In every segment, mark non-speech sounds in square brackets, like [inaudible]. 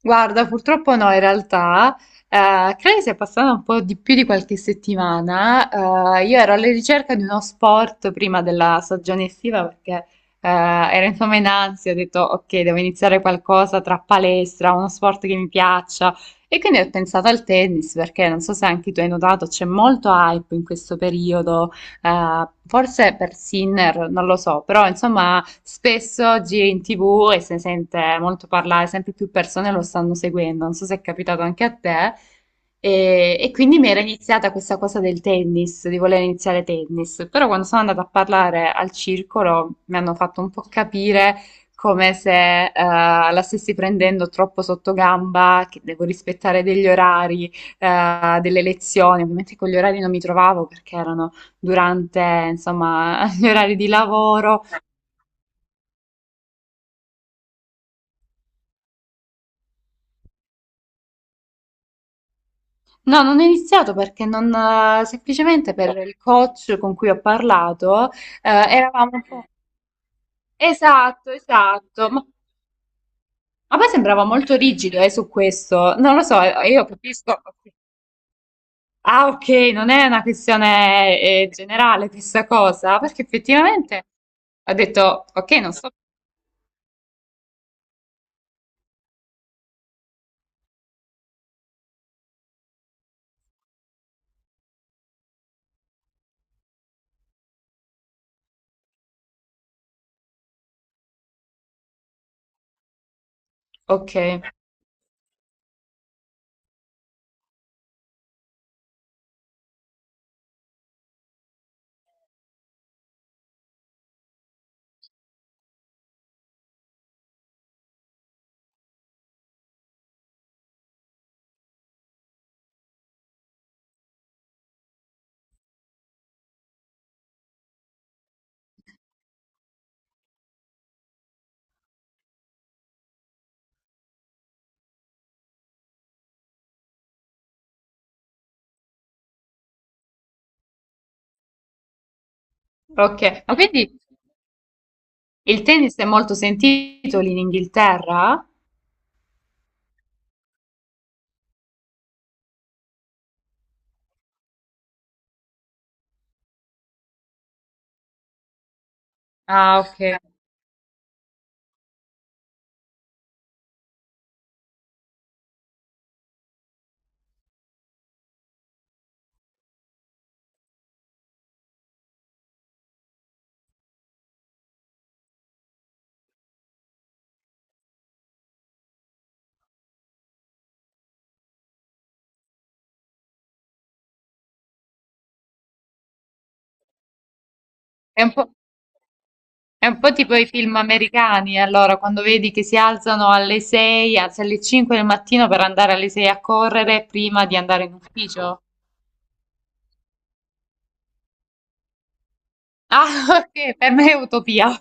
Guarda, purtroppo no, in realtà, eh, credo che sia passata un po' di più di qualche settimana. Io ero alla ricerca di uno sport prima della stagione estiva perché ero insomma in ansia, ho detto ok, devo iniziare qualcosa tra palestra, uno sport che mi piaccia e quindi ho pensato al tennis perché non so se anche tu hai notato, c'è molto hype in questo periodo, forse per Sinner, non lo so, però insomma spesso oggi è in TV e se ne sente molto parlare, sempre più persone lo stanno seguendo, non so se è capitato anche a te. E quindi mi era iniziata questa cosa del tennis, di voler iniziare tennis, però quando sono andata a parlare al circolo mi hanno fatto un po' capire come se la stessi prendendo troppo sotto gamba, che devo rispettare degli orari, delle lezioni. Ovviamente con gli orari non mi trovavo perché erano durante, insomma, [laughs] gli orari di lavoro. No, non ho iniziato perché non, semplicemente per il coach con cui ho parlato, eravamo un po'... Esatto, esatto. Ma a me sembrava molto rigido, su questo. Non lo so, io capisco. Ah, ok, non è una questione, generale questa cosa, perché effettivamente ho detto, ok, non so. Ok, ok. Ma quindi il tennis è molto sentito lì in Inghilterra? Ah, ok. È un po'... È un po' tipo i film americani, allora, quando vedi che si alzano alle 6, anzi alle 5 del mattino per andare alle 6 a correre prima di andare in ufficio. Ah, [laughs] ok, per me è utopia.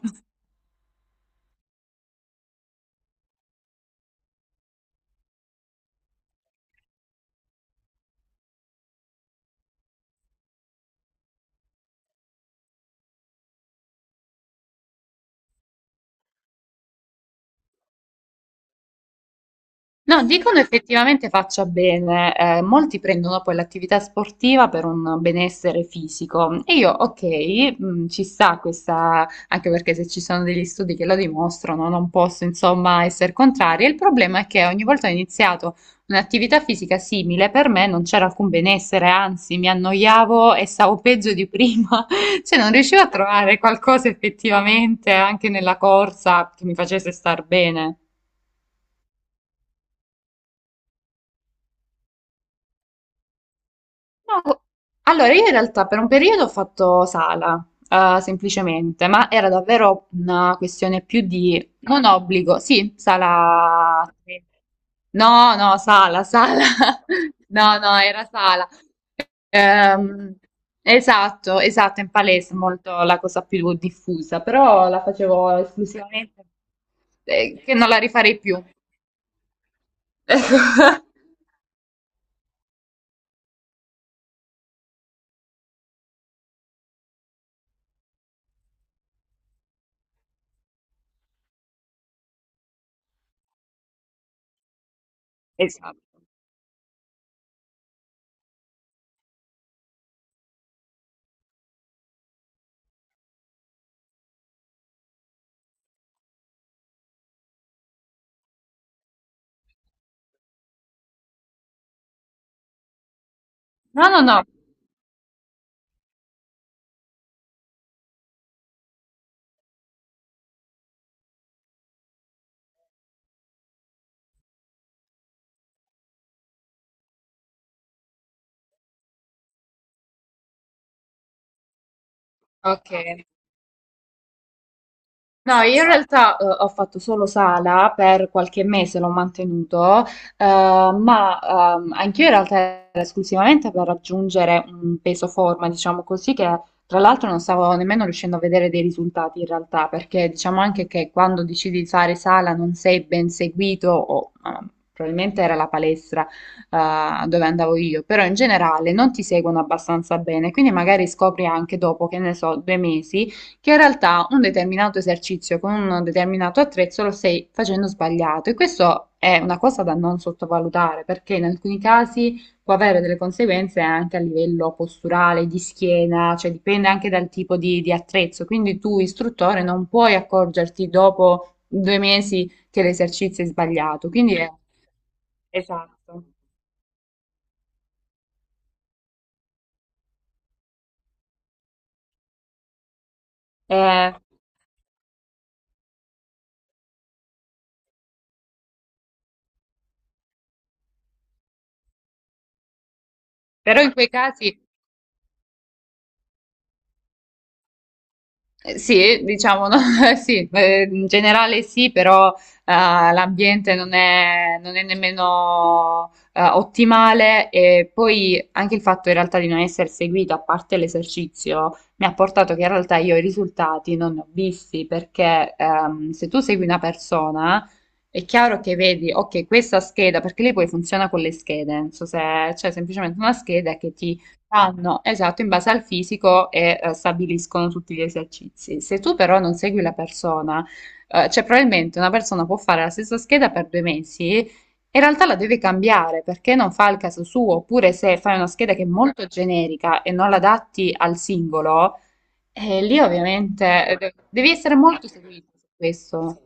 No, dicono effettivamente faccia bene, molti prendono poi l'attività sportiva per un benessere fisico e io, ok, ci sta questa, anche perché se ci sono degli studi che lo dimostrano, non posso insomma essere contraria. Il problema è che ogni volta che ho iniziato un'attività fisica simile, per me non c'era alcun benessere, anzi mi annoiavo e stavo peggio di prima, [laughs] cioè non riuscivo a trovare qualcosa effettivamente anche nella corsa che mi facesse star bene. No, allora, io in realtà per un periodo ho fatto sala, semplicemente, ma era davvero una questione più di non obbligo, sì, sala. No, no, sala, sala. [laughs] No, no, era sala. Ehm, esatto, esatto, in palestra è molto la cosa più diffusa, però la facevo esclusivamente, che non la rifarei più. [laughs] Ecco. Esatto. No, no, no. Ok. No, io in realtà ho fatto solo sala per qualche mese, l'ho mantenuto, eh, ma anch'io in realtà era esclusivamente per raggiungere un peso forma, diciamo così, che tra l'altro non stavo nemmeno riuscendo a vedere dei risultati in realtà, perché diciamo anche che quando decidi di fare sala non sei ben seguito, o probabilmente era la palestra dove andavo io, però in generale non ti seguono abbastanza bene, quindi magari scopri anche dopo, che ne so, due mesi che in realtà un determinato esercizio con un determinato attrezzo lo stai facendo sbagliato e questo è una cosa da non sottovalutare perché in alcuni casi può avere delle conseguenze anche a livello posturale, di schiena, cioè dipende anche dal tipo di attrezzo, quindi tu istruttore non puoi accorgerti dopo due mesi che l'esercizio è sbagliato, quindi è esatto. Eh, Però in quei casi... Sì, diciamo, no? [laughs] Sì, in generale sì, però l'ambiente non è nemmeno ottimale e poi anche il fatto in realtà di non essere seguita, a parte l'esercizio, mi ha portato che in realtà io i risultati non ne ho visti perché se tu segui una persona è chiaro che vedi, ok, questa scheda, perché lei poi funziona con le schede, non so se c'è semplicemente una scheda che ti fanno, esatto, in base al fisico e stabiliscono tutti gli esercizi. Se tu però non segui la persona, cioè probabilmente una persona può fare la stessa scheda per due mesi e in realtà la deve cambiare perché non fa il caso suo, oppure se fai una scheda che è molto generica e non la adatti al singolo, lì ovviamente devi essere molto seguito su questo.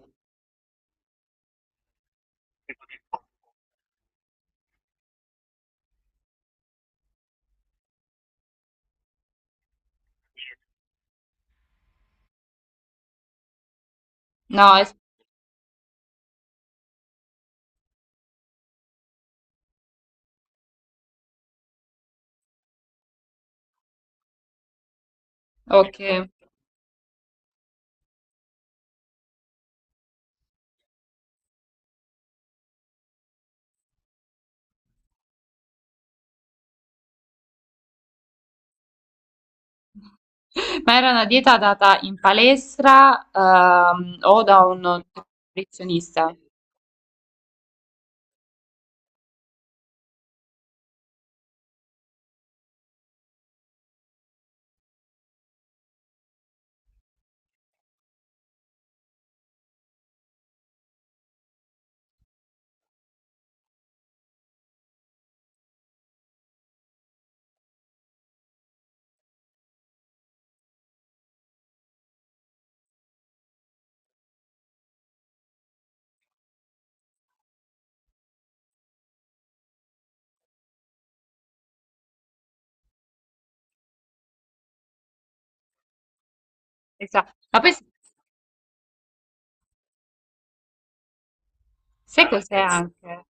No, es- ok. Ma era una dieta data in palestra, o da un nutrizionista? Esatto. Ma sai cos'è anche?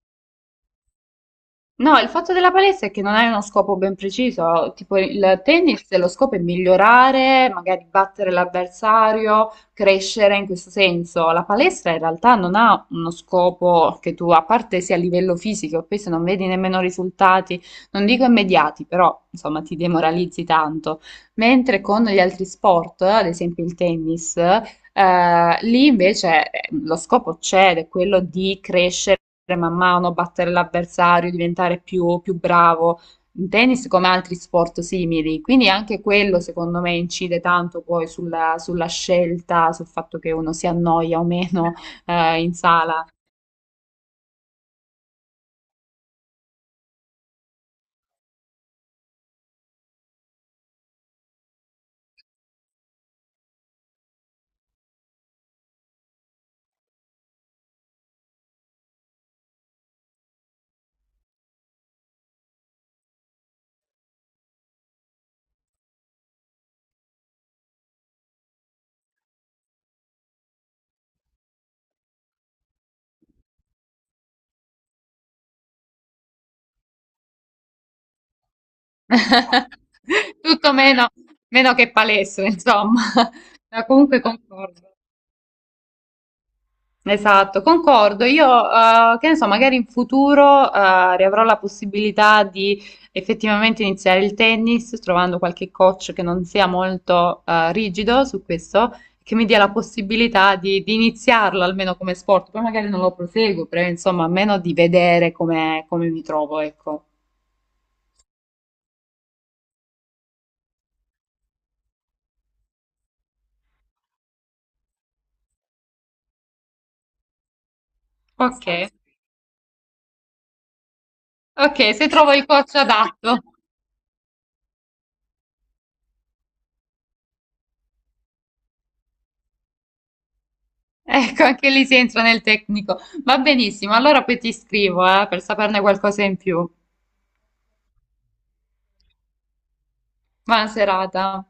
No, il fatto della palestra è che non hai uno scopo ben preciso, tipo il tennis, lo scopo è migliorare, magari battere l'avversario, crescere in questo senso. La palestra in realtà non ha uno scopo che tu, a parte sia a livello fisico, poi se non vedi nemmeno risultati, non dico immediati, però insomma ti demoralizzi tanto. Mentre con gli altri sport, ad esempio il tennis, lì invece lo scopo c'è, ed è quello di crescere man mano, battere l'avversario, diventare più bravo in tennis come altri sport simili. Quindi anche quello, secondo me, incide tanto poi sulla scelta, sul fatto che uno si annoia o meno [laughs] in sala. [laughs] Tutto meno, meno che palestra, insomma. [laughs] Ma comunque concordo. Esatto, concordo. Io, che ne so, magari in futuro, riavrò la possibilità di effettivamente iniziare il tennis, trovando qualche coach che non sia molto, rigido su questo, che mi dia la possibilità di iniziarlo almeno come sport. Poi magari non lo proseguo, però insomma, almeno di vedere come, come mi trovo, ecco. Ok, ok, se trovo il coach adatto. [laughs] Ecco, anche lì si entra nel tecnico. Va benissimo, allora poi ti scrivo, per saperne qualcosa in più. Buona serata.